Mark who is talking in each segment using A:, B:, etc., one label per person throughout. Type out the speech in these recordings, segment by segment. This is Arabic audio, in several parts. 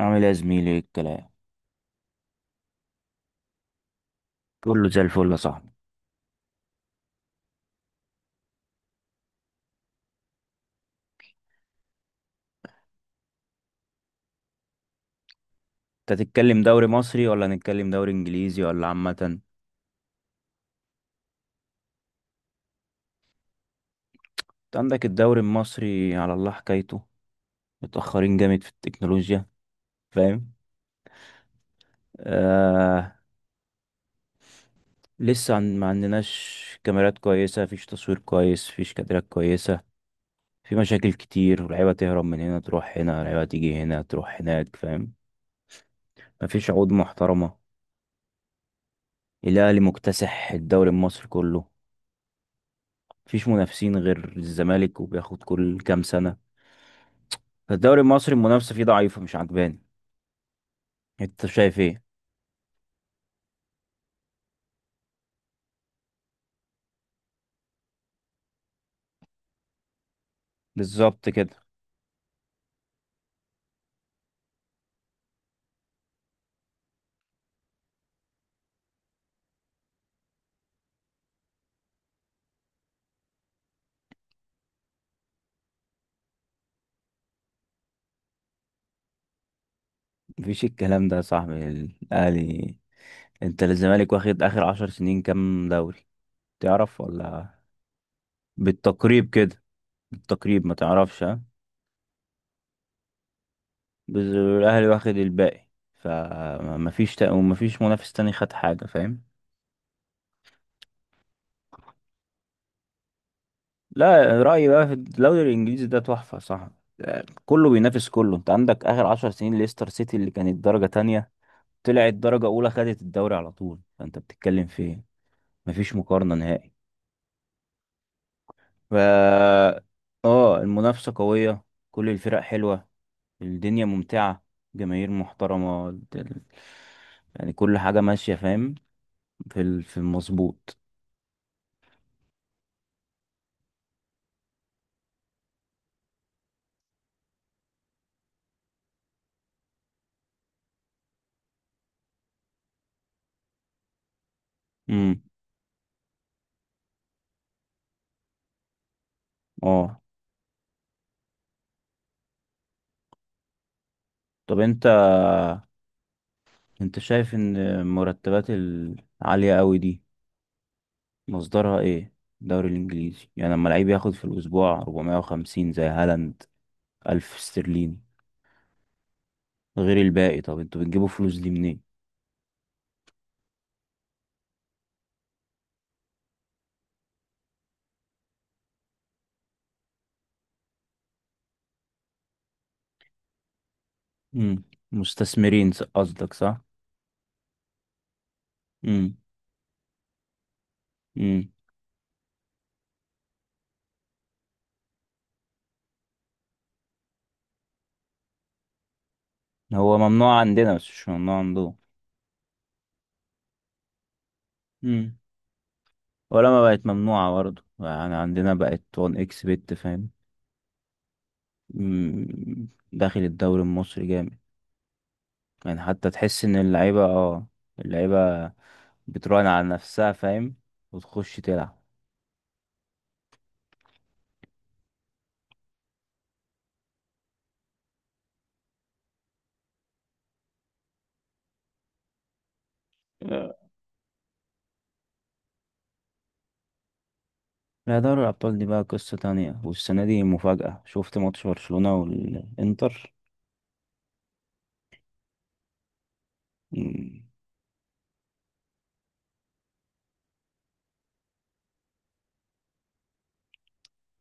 A: عامل ايه يا زميلي، ايه الكلام؟ كله زي الفل يا صاحبي. انت تتكلم دوري مصري ولا نتكلم دوري انجليزي، ولا عامة انت؟ عندك الدوري المصري على الله حكايته، متأخرين جامد في التكنولوجيا، فاهم؟ آه. لسه ما عندناش كاميرات كويسة، فيش تصوير كويس، فيش كادرات كويسة. في مشاكل كتير، ولعيبة تهرب من هنا تروح هنا، لعيبة تيجي هنا تروح هناك، فاهم؟ مفيش عقود محترمة. الأهلي مكتسح الدوري المصري كله، مفيش منافسين غير الزمالك، وبياخد كل كام سنة. الدوري المصري المنافسة فيه ضعيفة، مش عجباني. انت شايف ايه؟ بالظبط كده. مفيش الكلام ده يا صاحبي. الاهلي، انت الزمالك واخد اخر عشر سنين كام دوري؟ تعرف ولا بالتقريب كده؟ بالتقريب، ما تعرفش؟ ها؟ الاهلي واخد الباقي. فمفيش ومفيش منافس تاني خد حاجه، فاهم؟ لا، رايي بقى في الدوري الانجليزي ده تحفه، صح؟ كله بينافس كله. انت عندك اخر عشر سنين ليستر سيتي اللي كانت درجه تانية طلعت درجة أولى، خدت الدوري على طول، فأنت بتتكلم في إيه؟ مفيش مقارنة نهائي. ف آه المنافسة قوية، كل الفرق حلوة، الدنيا ممتعة، جماهير محترمة، يعني كل حاجة ماشية، فاهم؟ في المظبوط. امم. اه، طب انت شايف ان المرتبات العالية قوي دي مصدرها ايه؟ الدوري الانجليزي، يعني لما لعيب ياخد في الاسبوع 450 زي هالاند 1000 استرليني غير الباقي، طب انتوا بتجيبوا فلوس دي منين؟ امم. مستثمرين، قصدك، صح؟ امم. امم. هو ممنوع عندنا بس مش ممنوع عندهم. امم. ولا ما بقت ممنوعة برضه يعني؟ عندنا بقت 1 اكس بت، فاهم؟ امم، داخل الدوري المصري جامد. يعني حتى تحس ان اللعيبة، اه، اللعيبة بتراهن على نفسها، فاهم؟ وتخش تلعب. آه. لا، دوري الأبطال دي بقى قصة تانية، والسنة دي مفاجأة. شفت ماتش برشلونة والإنتر. مم.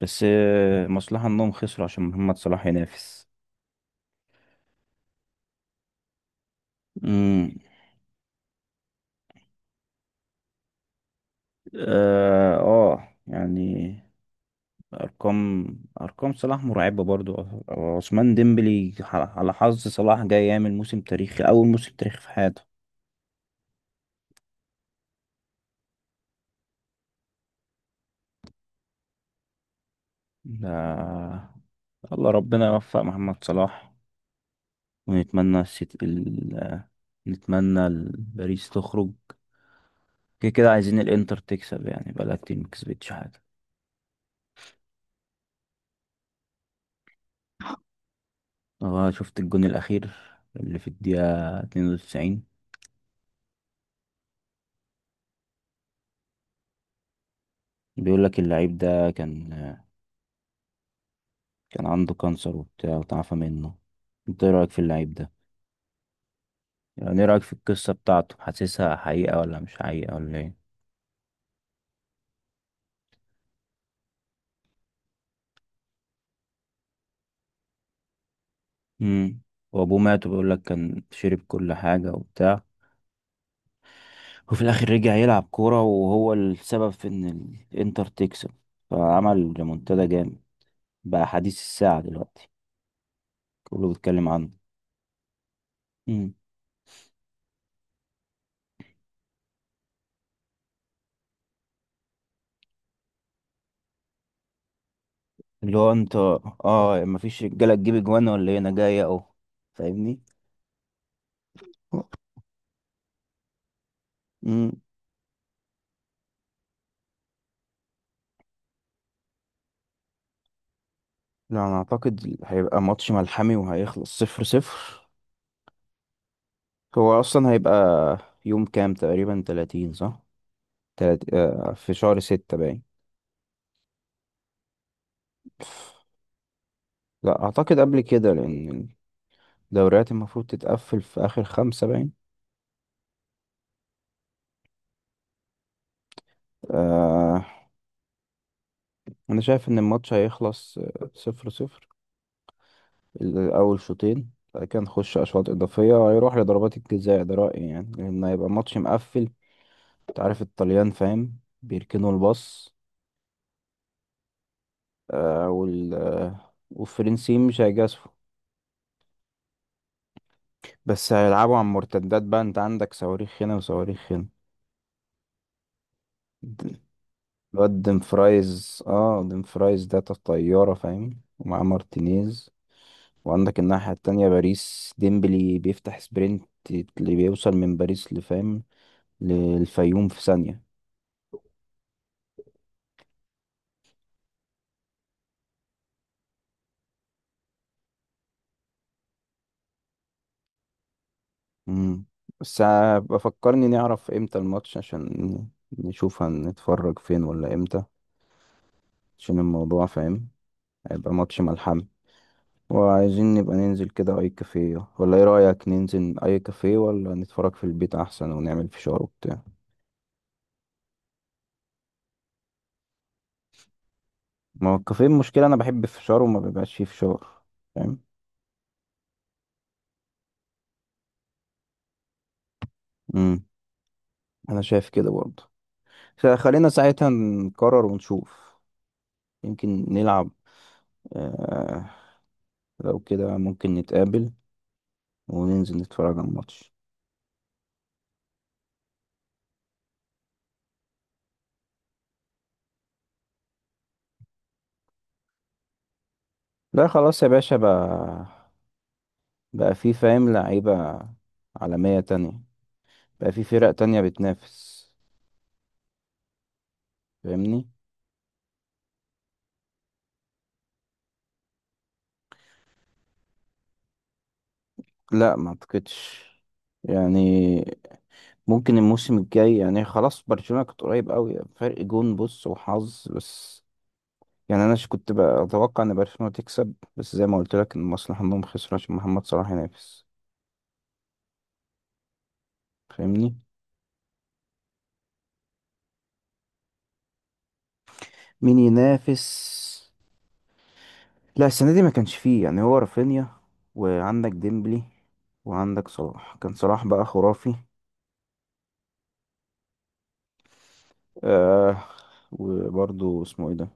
A: بس مصلحة انهم خسروا عشان محمد صلاح ينافس. امم. اه، يعني ارقام، ارقام صلاح مرعبة برضو. عثمان ديمبلي على حظ صلاح جاي يعمل موسم تاريخي، اول موسم تاريخي في حياته. ده الله ربنا يوفق محمد صلاح، ونتمنى نتمنى باريس تخرج. كده كده عايزين الانتر تكسب، يعني بقالها كتير ما كسبتش حاجة. اه، شفت الجون الاخير اللي في الدقيقة 92؟ بيقول لك اللعيب ده كان عنده كانسر وبتاع، وتعافى منه. انت ايه رأيك في اللعيب ده؟ يعني ايه رأيك في القصة بتاعته؟ حاسسها حقيقة ولا مش حقيقة ولا ايه؟ امم. وابوه مات، وبيقول لك كان شرب كل حاجة وبتاع، وفي الاخر رجع يلعب كورة، وهو السبب في ان الانتر تكسب، فعمل ريمونتادا جامد. بقى حديث الساعة دلوقتي، كله بيتكلم عنه. امم. اللي هو انت، اه، مفيش رجالة تجيب اجوان ولا ايه؟ انا جاي اهو، فاهمني؟ امم. لا، انا اعتقد هيبقى ماتش ملحمي وهيخلص صفر صفر. هو اصلا هيبقى يوم كام؟ تقريبا 30، صح؟ تلات... آه، في شهر ستة باين. لا اعتقد قبل كده، لان الدوريات المفروض تتقفل في اخر خمسة باين. آه، انا شايف ان الماتش هيخلص صفر صفر الاول شوطين، بعد كده نخش اشواط اضافية، هيروح لضربات الجزاء. ده رأيي يعني، لان هيبقى ماتش مقفل. انت عارف الطليان، فاهم؟ بيركنوا الباص، والفرنسيين مش هيجازفوا، بس هيلعبوا عن مرتدات بقى. انت عندك صواريخ هنا وصواريخ هنا. د- الواد ديمفرايز، ديمفرايز ده طيارة، فاهم؟ ومعاه مارتينيز. وعندك الناحية التانية باريس، ديمبلي بيفتح سبرنت اللي بيوصل من باريس لفاهم للفيوم في ثانية. مم. بس بفكرني نعرف امتى الماتش، عشان نشوف هنتفرج فين ولا امتى، عشان الموضوع، فاهم؟ هيبقى ماتش ملحمي. وعايزين نبقى ننزل كده اي كافيه، ولا ايه رأيك ننزل اي كافيه ولا نتفرج في البيت احسن ونعمل فشار وبتاع؟ ما هو الكافيه المشكلة، انا بحب الفشار وما بيبقاش فيه فشار، فاهم؟ امم. انا شايف كده برضه، خلينا ساعتها نقرر ونشوف، يمكن نلعب. آه. لو كده ممكن نتقابل وننزل نتفرج على الماتش. لا، خلاص يا باشا بقى، بقى في، فاهم، لعيبة عالمية تانية، بقى في فرق تانية بتنافس، فاهمني؟ لا، ما اعتقدش، يعني ممكن الموسم الجاي، يعني خلاص برشلونة كانت قريب قوي، فرق جون بص وحظ بس. يعني انا كنت بقى اتوقع ان برشلونة تكسب، بس زي ما قلت لك ان المصلحة انهم خسروا عشان محمد صلاح ينافس، فاهمني؟ مين ينافس؟ لا، السنة دي ما كانش فيه، يعني، هو رافينيا، وعندك ديمبلي، وعندك صلاح. كان صلاح بقى خرافي. آه. وبرضه اسمه ايه ده،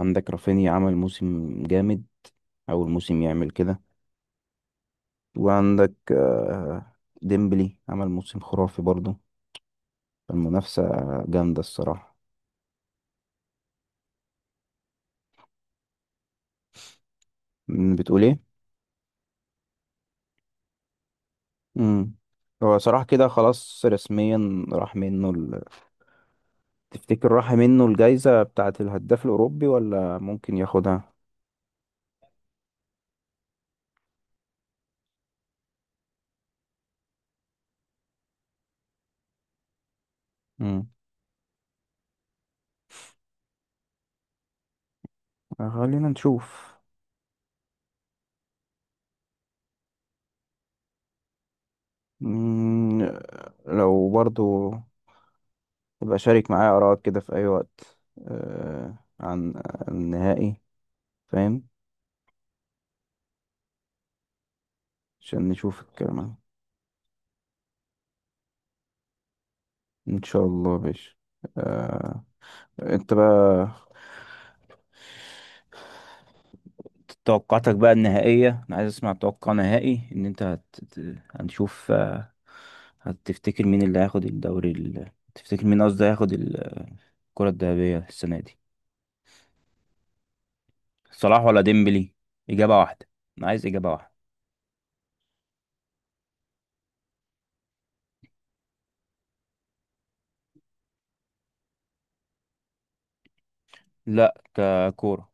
A: عندك رافينيا عمل موسم جامد، اول موسم يعمل كده. وعندك ديمبلي عمل موسم خرافي برضه. المنافسة جامدة الصراحة. بتقول ايه؟ امم. هو صراحة كده خلاص رسميا راح منه تفتكر راح منه الجايزة بتاعة الهداف الأوروبي ولا ممكن ياخدها؟ امم. خلينا نشوف. مم، لو برضو يبقى شارك معايا آراءك كده في أي وقت. عن عن النهائي، فاهم؟ عشان نشوف الكلام. إن شاء الله يا باشا. آه. انت بقى توقعاتك بقى النهائية، انا عايز اسمع توقع نهائي. ان انت هنشوف، هتفتكر مين اللي هياخد تفتكر مين قصدي هياخد الكرة الذهبية السنة دي؟ صلاح ولا ديمبلي؟ إجابة واحدة. انا عايز إجابة واحدة. لا، ككورة.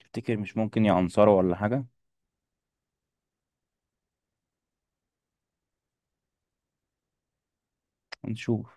A: تفتكر مش ممكن يا أنصار ولا حاجة؟ هنشوف.